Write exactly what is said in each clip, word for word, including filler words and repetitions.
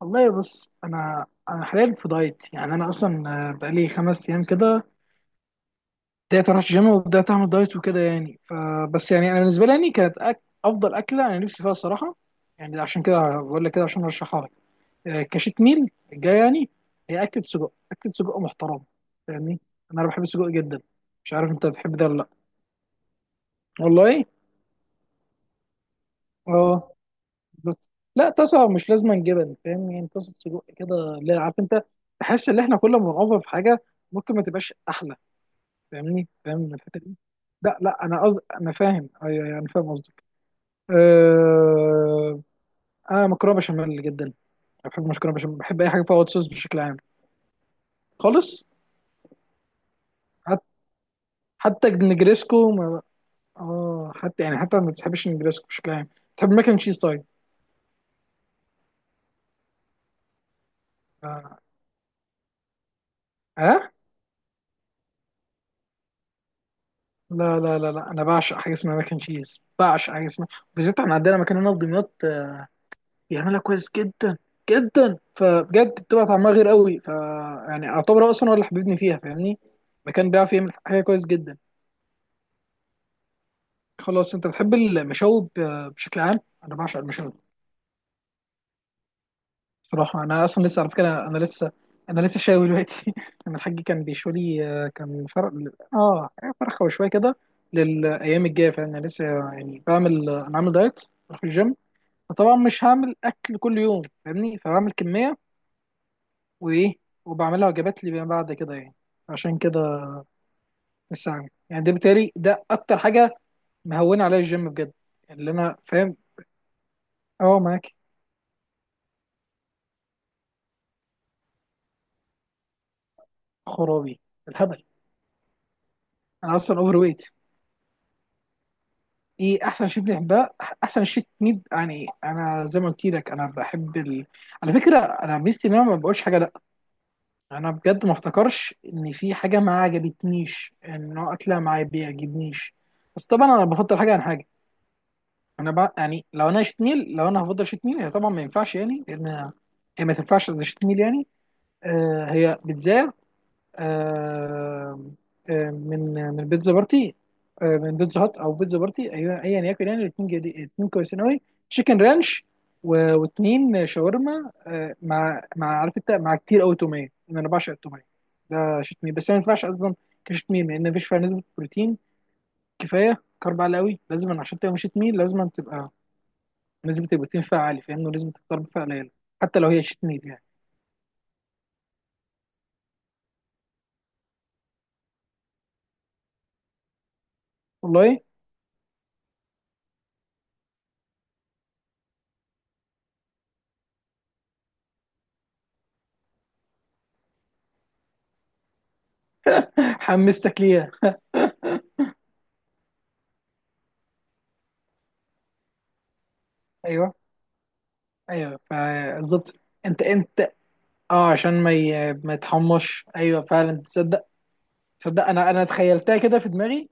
والله بص، انا انا حاليا في دايت. يعني انا اصلا آه، بقالي خمس ايام كده بدات اروح الجيم وبدات اعمل دايت وكده. يعني فبس يعني انا بالنسبه لي يعني كانت أك... افضل اكله انا نفسي فيها الصراحه. يعني عشان كده بقول لك كده عشان ارشحها لك. آه، كشيت ميل الجاي يعني. هي اكله سجق، اكله سجق محترمه. فاهمني؟ انا بحب السجق جدا. مش عارف انت بتحب ده ولا لا. والله. اه. بس لا، طاسه مش لازم جبن. فاهم يعني؟ طاسه سجق كده. لا عارف انت، بحس ان احنا كل ما بنوفر في حاجه ممكن ما تبقاش احلى. فاهمني؟ فاهم من الحته دي. لا لا، انا قصد انا فاهم. ايوه، أيوة، انا فاهم قصدك. أه... انا مكرونه بشاميل جدا. انا بحب مكرونه بشاميل، بحب اي حاجه فيها وايت صوص بشكل عام، خالص. حت... حتى النجريسكو ما... اه حتى يعني، حتى ما بتحبش النجريسكو بشكل عام. بتحب ماكن تشيز طيب؟ اه. آه؟ لا لا لا لا، انا بعشق حاجه اسمها ماكن تشيز. بعشق حاجه اسمها، بالذات احنا عندنا مكان هنا في دمياط بيعملها كويس جدا جدا. فبجد بتبقى طعمها غير قوي. ف يعني اعتبر هو اصلا هو اللي حببني فيها. فاهمني؟ مكان بيعرف يعمل حاجه كويس جدا. خلاص. انت بتحب المشاوي ب- بشكل عام؟ انا بعشق المشاوي. بصراحه انا اصلا لسه، على فكره انا لسه، انا لسه شاوي دلوقتي انا الحاج كان بيشوي لي، آه، كان فرق. اه. فرخه وشويه كده للايام الجايه. فانا لسه يعني بعمل انا عامل دايت، بروح الجيم. فطبعا مش هعمل اكل كل يوم، فاهمني؟ فبعمل كميه وايه، وبعملها وجبات لي بعد كده يعني. عشان كده لسه عامل يعني ده، بالتالي ده اكتر حاجه مهونه عليا الجيم بجد. اللي انا فاهم. اه، معاك. خرابي الهبل. انا اصلا اوفر ويت. ايه احسن شيء بنحبها؟ احسن شيء ميد يعني. انا زي ما قلت لك انا بحب ال... على فكره انا ميزتي ان انا ما بقولش حاجه لا. انا بجد ما افتكرش ان في حاحاجه ما عجبتنيش، ان نوع اكله ما بيعجبنيش. بس طبعا انا بفضل حاجه عن حاجه. انا بقى يعني لو انا شيت ميل، لو انا هفضل شيت ميل، هي طبعا ما ينفعش يعني، لان هي ما تنفعش زي شيت ميل يعني. آه هي بيتزا. آه آه من من بيتزا بارتي. آه من بيتزا هات او بيتزا بارتي. ايوه، ايا يكن يعني. الاثنين جديد، الاثنين كويسين قوي. تشيكن رانش، و- واثنين شاورما، آه مع مع عارف انت، مع كتير قوي توميه، لان انا بعشق التوميه. ده شيت ميل، بس هي ما ينفعش اصلا كشيت ميل، لان مفيش فيها نسبه بروتين. كفايه كارب عالي قوي. لازم عشان تبقى شيت ميل لازم تبقى لازم تبقى تيم فعال، فاهمني؟ ولازم تختار بفئة قليلة حتى لو هي شيت ميل يعني. والله حمستك ليها. ايوه، ايوه. فبالظبط، انت انت اه، عشان ما ي... ما يتحمش. ايوه فعلا، تصدق؟ تصدق، انا انا تخيلتها كده في دماغي.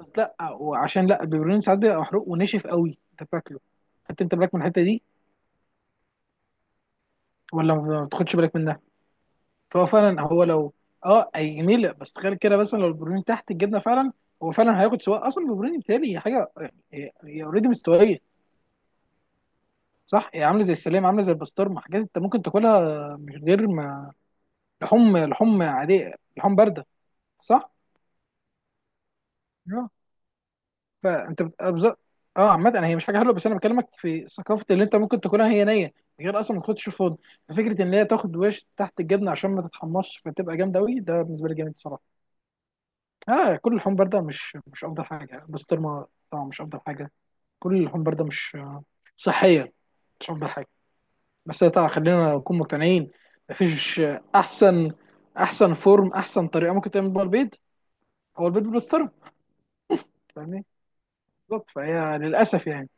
بس لا، وعشان لا البيبروني ساعات بيبقى محروق ونشف قوي، انت فاكره؟ حتى انت بالك من الحته دي ولا ما بتاخدش بالك منها؟ فهو فعلا. هو لو، اه اي جميله. بس تخيل كده مثلا لو البيبروني تحت الجبنه فعلا، هو فعلا هياخد. سواء اصلا البيبروني بتهيألي حاجه هي اوريدي مستويه، صح. هي عامله زي السلام، عامله زي البسطرمه. حاجات انت ممكن تاكلها مش غير ما، لحوم لحوم عاديه، لحوم بارده. صح. اه فانت بت... أبز- اه عامه، أنا هي مش حاجه حلوه، بس انا بكلمك في ثقافه اللي انت ممكن تاكلها هي نيه من غير اصلا ما تاخدش فود. فكره ان هي تاخد وش تحت الجبنه عشان ما تتحمصش فتبقى جامده قوي، ده بالنسبه لي جامد الصراحه. اه، كل اللحوم بارده مش مش افضل حاجه. البسطرمه طبعا مش افضل حاجه. كل اللحوم بارده مش آه، صحيه، مش افضل حاجه. بس طبعا خلينا نكون مقتنعين. مفيش احسن احسن فورم، احسن طريقه ممكن تعمل بيها البيض هو البيض بالسترن، فاهمني؟ بالظبط. فهي للاسف يعني.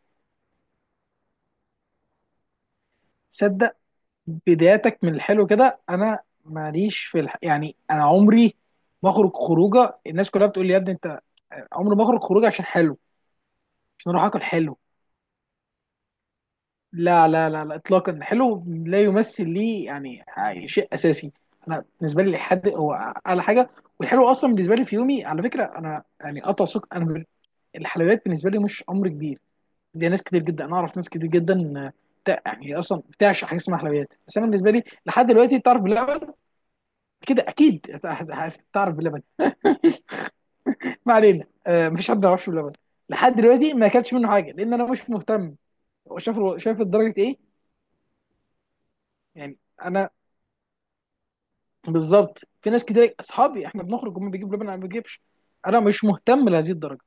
صدق. بداياتك من الحلو كده؟ انا ماليش في الح... يعني انا عمري ما اخرج خروجه. الناس كلها بتقول لي يا ابني انت، عمري ما اخرج خروجه عشان حلو، عشان اروح اكل حلو. لا لا لا لا اطلاقا، الحلو لا يمثل ليه يعني شيء اساسي. انا بالنسبه لي الحد هو اعلى حاجه. والحلو اصلا بالنسبه لي في يومي، على فكره، انا يعني قطع سكر، انا بال- الحلويات بالنسبه لي مش امر كبير. زي ناس كتير جدا، انا اعرف ناس كتير جدا آه، بتاع- يعني اصلا بتعشق حاجه اسمها حلويات. بس انا بالنسبه لي لحد دلوقتي، تعرف بلبن؟ كده اكيد تعرف بلبن، ما علينا. آه، مفيش حد ما يعرفش بلبن. لحد دلوقتي ما اكلتش منه حاجه لان انا مش مهتم. هو شايف شايف الدرجه ايه. يعني انا بالظبط، في ناس كتير اصحابي احنا بنخرج هم بيجيبوا لبن، انا ما بجيبش. انا مش مهتم لهذه الدرجه،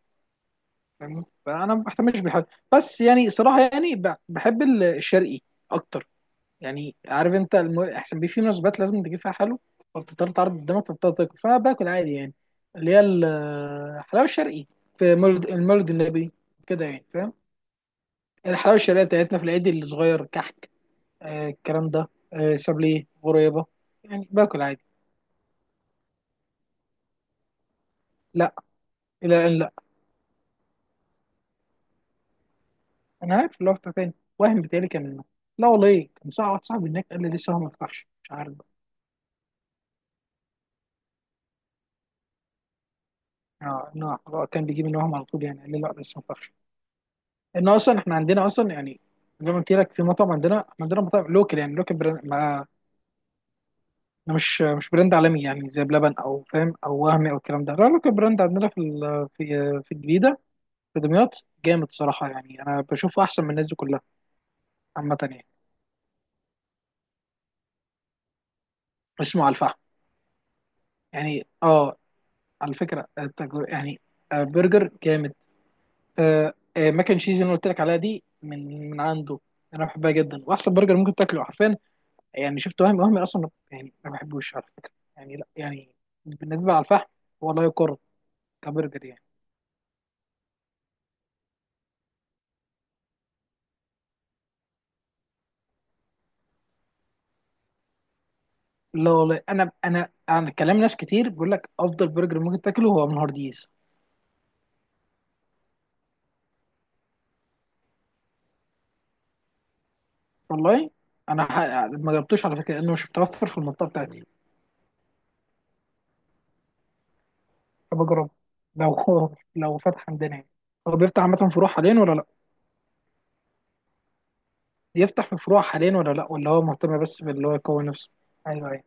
فاهمني؟ فانا ما بهتمش بالحاجه. بس يعني صراحه يعني ب- بحب ال- الشرقي اكتر. يعني عارف انت الم... احسن بيه في مناسبات لازم تجيب فيها حلو، فبتضطر تعرض قدامك، فبتضطر تاكل. فانا باكل عادي يعني، اللي هي ال- الحلاوه الشرقي، في مولد المولد النبي كده يعني، فاهم؟ الحلاوه الشرقيه بتاعتنا في العيد الصغير كحك. آه الكلام ده. آه سابليه غريبه، يعني باكل عادي. لا، الى ان، انا عارف اللي هو بتاع تاني، وهم بيتهيألي كان منه. لا والله إيه. كان صاحب واحد صاحبي هناك قال لي لسه هو ما فتحش، مش عارف بقى. اه، إنه هو كان بيجيب ان وهم على طول يعني. قال لي لا لسه ما فتحش. ان اصلا احنا عندنا اصلا يعني، زي ما قلت لك في مطعم عندنا. إحنا عندنا مطاعم لوكال يعني، لوكال براند، ما ما مش مش براند عالمي يعني زي بلبن او فاهم او وهمي او الكلام ده، لا لوكال براند عندنا في ال- في في الجديده في دمياط، جامد صراحه يعني. انا بشوفه احسن من الناس دي كلها عامه يعني. اسمه على الفحم، يعني اه. على فكره التجر- يعني آه، برجر جامد. آه آه ماكن تشيز اللي أنا قلت لك عليها دي من من عنده. انا بحبها جدا، واحسن برجر ممكن تاكله حرفيا يعني. شفت وهمي، وهمي اصلا يعني ما بحبوش على فكره يعني، لا يعني بالنسبه على الفحم هو لا يقارن كبرجر يعني. لا والله، انا انا انا كلام ناس كتير بيقول لك افضل برجر ممكن تاكله هو من هارديز. والله انا ح- ما جربتوش على فكره لانه مش متوفر في المنطقه بتاعتي. بجرب لو هو لو فتح عندنا يعني. هو بيفتح عامه فروع حاليا ولا لا، يفتح في فروع حاليا ولا لا، ولا هو مهتم بس باللي هو يقوي نفسه. ايوه ايوه.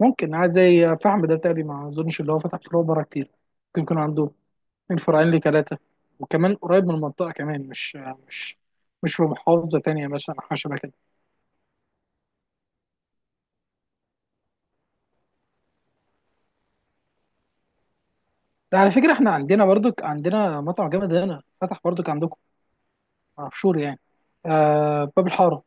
ممكن عايز زي فحم ده بتاعي. ما اظنش اللي هو فتح فروع بره كتير. ممكن يكون عنده من فرعين لثلاثه، وكمان قريب من المنطقه كمان، مش مش مش في محافظه تانيه مثلا أو حاجه شبه كده. ده على فكره احنا عندنا برضك، عندنا مطعم جامد هنا فتح برضك عندكم في شور يعني، آه باب الحاره.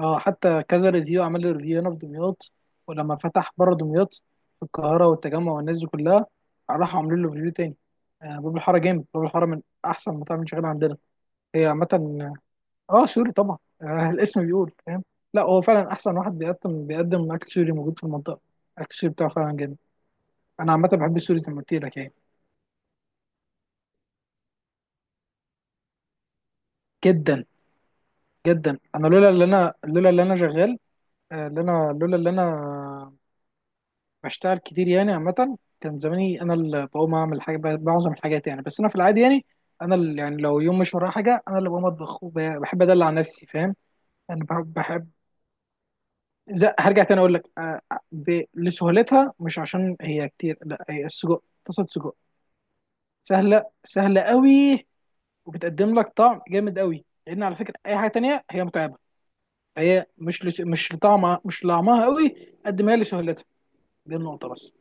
اه، حتى كذا ريفيو عمل لي ريفيو هنا في دمياط. ولما فتح بره دمياط في القاهرة والتجمع والناس دي كلها، راحوا عاملين له ريفيو تاني. آه باب الحارة جامد. باب الحارة من أحسن مطاعم اللي شغالة عندنا. هي عامة. اه آه، سوري طبعا، آه الاسم بيقول، فاهم؟ لا هو فعلا أحسن واحد بيقدم بيقدم أكل سوري موجود في المنطقة. أكل السوري بتاعه فعلا جامد. أنا عامة بحب السوري زي ما قلت لك يعني. جدا جدا. أنا لولا اللي أنا لولا اللي أنا شغال، آه، اللي أنا لولا اللي أنا بشتغل كتير يعني. عامة كان زماني أنا اللي بقوم أعمل حاجة، معظم الحاجات يعني، بس أنا في العادي يعني أنا اللي، يعني لو يوم مش ورايا حاجة أنا اللي بقوم أطبخ، وبحب أدلع نفسي، فاهم؟ أنا بحب, بحب زي هرجع تاني أقول لك، آه، آه، ب- لسهولتها مش عشان هي كتير لا، هي السجق، طاسة سجق سهلة، سهلة قوي. وبتقدم لك طعم جامد قوي، لأن على فكرة أي حاجة تانية هي متعبة. هي مش لس- مش لطعمها مش لطعمها قوي قد ما هي لسهولتها. دي النقطة بس.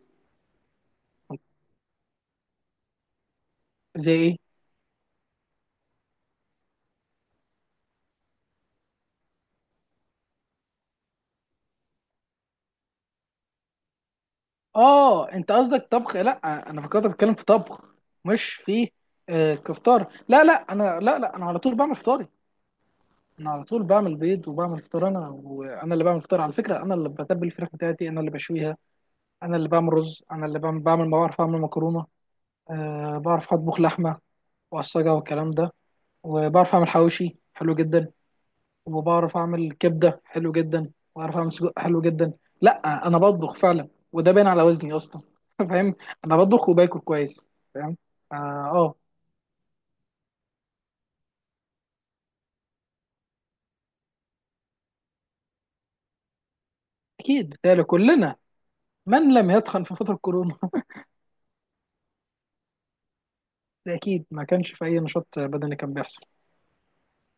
زي إيه؟ اه انت قصدك طبخ. لا انا فكرت بتكلم في طبخ، مش في، آه كفطار. لا لا انا، لا لا، انا على طول بعمل فطاري. انا على طول بعمل بيض وبعمل فطار. انا، وانا اللي بعمل فطار على فكره. انا اللي بتبل الفراخ بتاعتي، انا اللي بشويها، انا اللي بعمل رز، انا اللي بعمل بعمل بعرف اعمل مكرونه. آه بعرف اطبخ لحمه واعصجها والكلام ده. وبعرف اعمل حواوشي حلو جدا، وبعرف اعمل كبده حلو جدا، وبعرف اعمل سجق حلو جدا. لا انا بطبخ فعلا، وده باين على وزني اصلا فاهم؟ انا بطبخ وباكل كويس، فاهم؟ اه. آه. اكيد بالتالي كلنا، من لم يتخن في فتره كورونا ده اكيد ما كانش في اي نشاط بدني كان بيحصل.